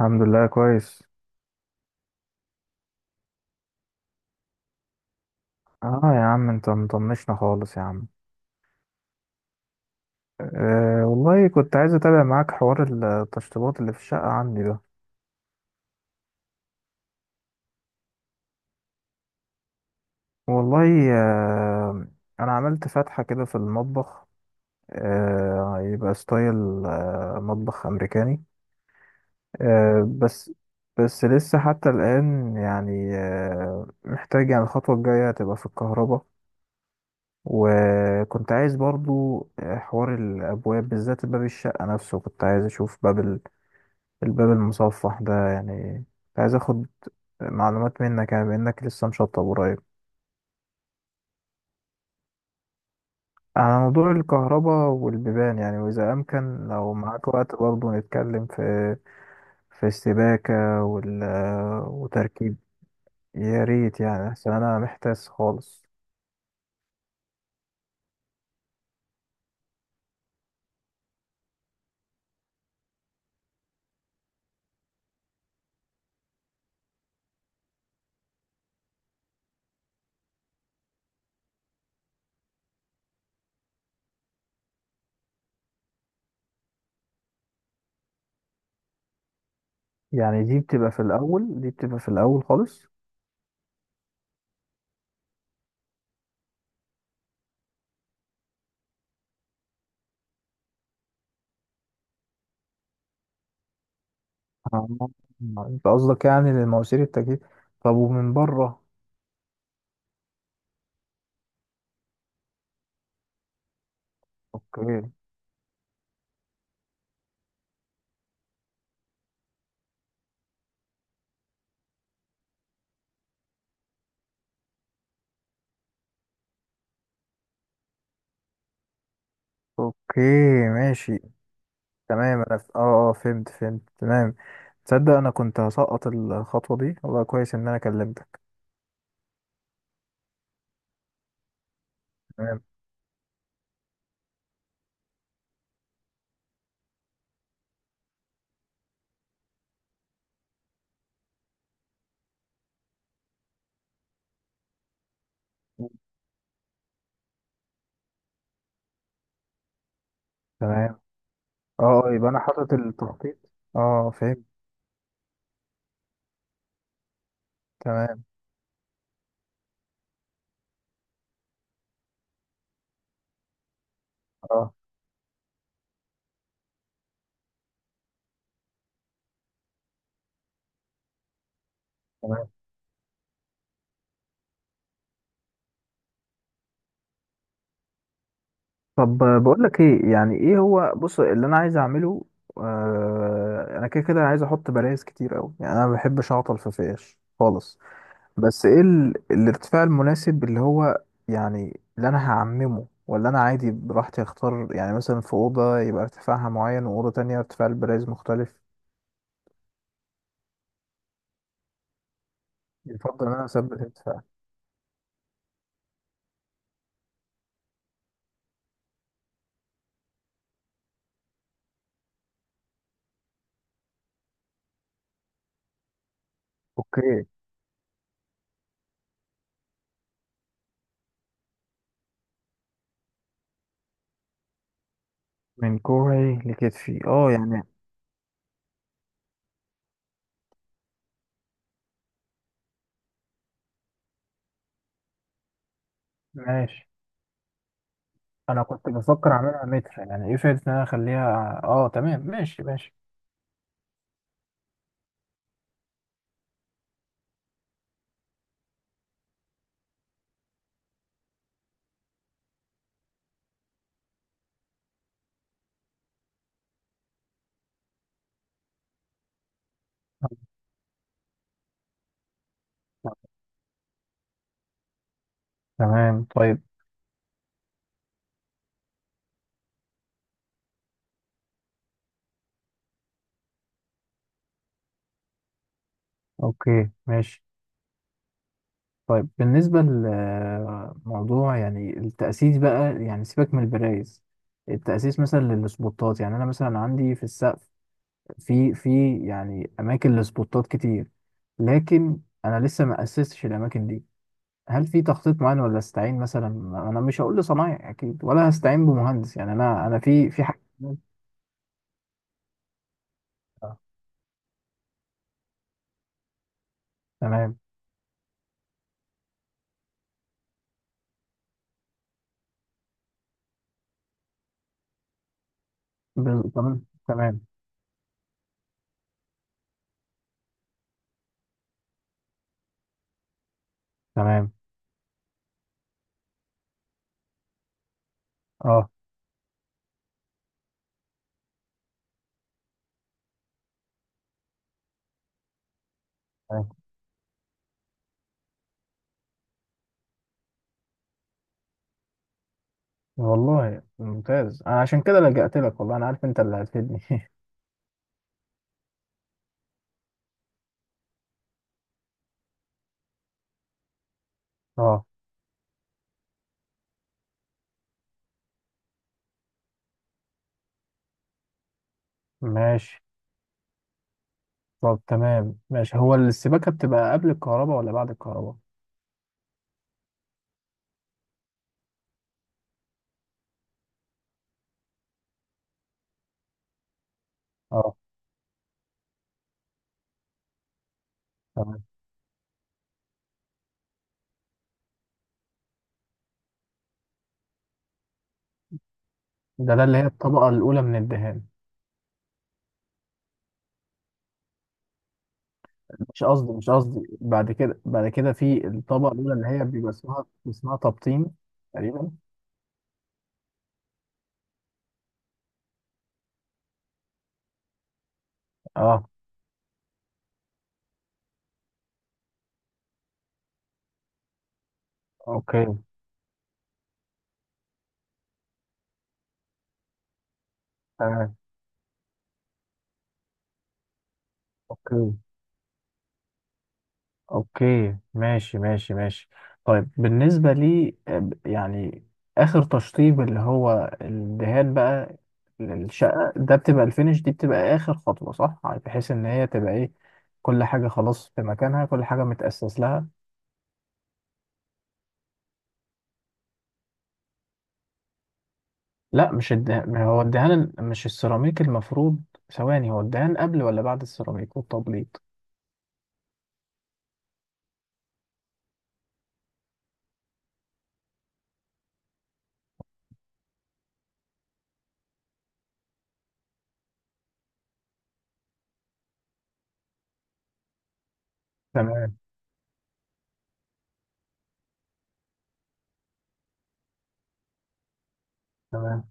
الحمد لله كويس. اه، يا عم انت مطنشنا خالص يا عم. أه والله كنت عايز اتابع معاك حوار التشطيبات اللي في الشقة عندي ده. والله أه، انا عملت فتحة كده في المطبخ. أه يبقى ستايل، مطبخ امريكاني. أه، بس لسه حتى الان يعني محتاج، يعني الخطوة الجاية تبقى في الكهرباء. وكنت عايز برضو حوار الابواب، بالذات باب الشقة نفسه، كنت عايز اشوف باب الباب المصفح ده، يعني كنت عايز اخد معلومات منك يعني بانك لسه مشطب قريب. على موضوع الكهرباء والبيبان، يعني واذا امكن لو معاك وقت برضه نتكلم في السباكة وتركيب. يا ريت، يعني عشان انا محتاس خالص. يعني دي بتبقى في الاول، دي بتبقى في الاول خالص. آه، انت قصدك يعني للمواسير التكييف؟ طب ومن بره؟ اوكي، اوكي، ماشي. تمام، اه، اه، فهمت تمام. تصدق انا كنت هسقط الخطوة دي، والله كويس ان انا كلمتك. تمام، تمام. اه، اه، يبقى انا حاطط التخطيط. اه، فهمت. تمام، اه تمام. طب بقول لك ايه، يعني ايه هو، بص اللي انا عايز اعمله. آه، انا كده كده عايز احط بلايز كتير قوي، يعني انا ما بحبش اعطل في فيش خالص. بس ايه الارتفاع المناسب اللي هو، يعني اللي انا هعممه، ولا انا عادي براحتي اختار؟ يعني مثلا في اوضه يبقى ارتفاعها معين، واوضه تانية ارتفاع البرايز مختلف. يفضل ان انا اثبت ارتفاع. اوكي. من كوعي لكتفي، اه يعني. ماشي. انا كنت بفكر اعملها متر، يعني ايه فايدة ان انا اخليها؟ اه تمام، ماشي ماشي. تمام، طيب. اوكي، ماشي. طيب بالنسبة لموضوع يعني التأسيس بقى، يعني سيبك من البرايز. التأسيس مثلا للسبوتات، يعني أنا مثلا عندي في السقف، في يعني أماكن لسبوتات كتير. لكن أنا لسه ما أسستش الأماكن دي. هل في تخطيط معين، ولا أستعين مثلا؟ أنا مش هقول لصنايعي أكيد، ولا هستعين بمهندس يعني، أنا في حاجة. آه، تمام. تمام، تمام، تمام، أه تمام. والله ممتاز، أنا عشان كده لجأت لك، والله أنا عارف أنت اللي هتفيدني اه ماشي. طب تمام، ماشي. هو السباكة بتبقى قبل الكهرباء ولا بعد الكهرباء؟ اه تمام. ده اللي هي الطبقة الأولى من الدهان. مش قصدي، مش قصدي، بعد كده، بعد كده، في الطبقة الأولى اللي هي بيبقى اسمها تبطين. تقريبا. اه، اوكي، تمام، اوكي، اوكي، ماشي، ماشي، ماشي. طيب بالنسبة لي، يعني اخر تشطيب اللي هو الدهان بقى، للشقة ده بتبقى الفينش، دي بتبقى اخر خطوة صح؟ يعني بحيث ان هي تبقى ايه، كل حاجة خلاص في مكانها، كل حاجة متأسس لها. لا مش الدهان، ما هو الدهان مش السيراميك المفروض؟ ثواني، هو الدهان قبل ولا بعد السيراميك والتبليط؟ تمام، تمام،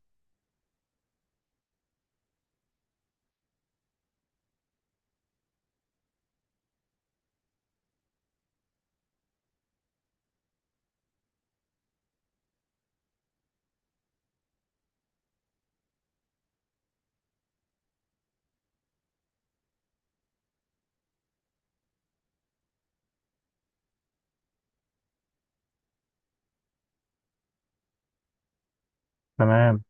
تمام،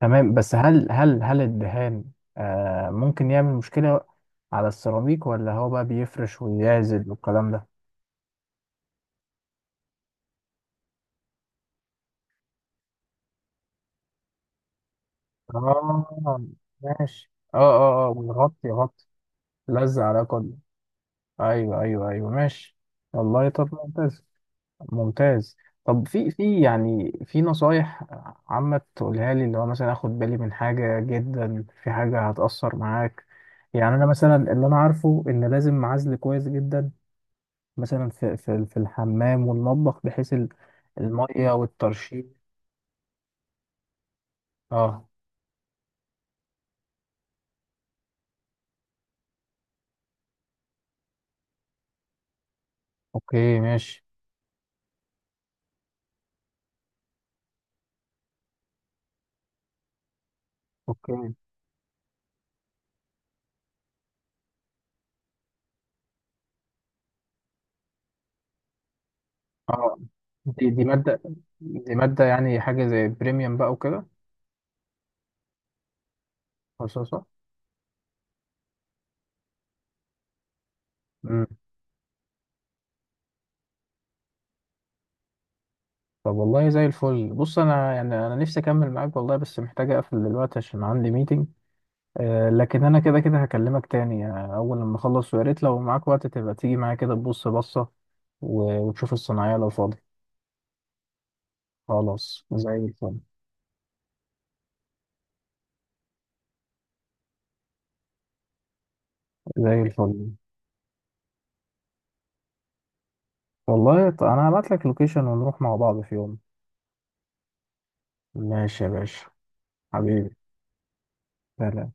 تمام. بس هل هل الدهان آه ممكن يعمل مشكلة على السيراميك، ولا هو بقى بيفرش ويعزل والكلام ده؟ اه ماشي. اه، اه، اه، ويغطي يغطي. لزق على كله. ايوه، ايوه، ايوه، ماشي. والله طب، ممتاز، ممتاز. طب في يعني في نصايح عامة تقولها لي، اللي هو مثلا اخد بالي من حاجة جدا، في حاجة هتأثر معاك؟ يعني انا مثلا اللي انا عارفه ان لازم اعزل كويس جدا، مثلا في الحمام والمطبخ، بحيث المية والترشيد. اه، اوكي ماشي. اوكي، اه. دي مادة، دي مادة يعني حاجة زي بريميوم بقى وكده. خصوصا. امم طب والله زي الفل. بص انا يعني انا نفسي اكمل معاك والله، بس محتاج اقفل دلوقتي عشان عندي ميتنج. آه، لكن انا كده كده هكلمك تاني اول لما اخلص. ويا ريت لو معاك وقت تبقى تيجي معايا كده تبص بصة وتشوف الصناعية، لو فاضي. خلاص زي الفل. زي الفل. والله، انا هبعت لك لوكيشن ونروح مع بعض في يوم. ماشي يا باشا. حبيبي. سلام.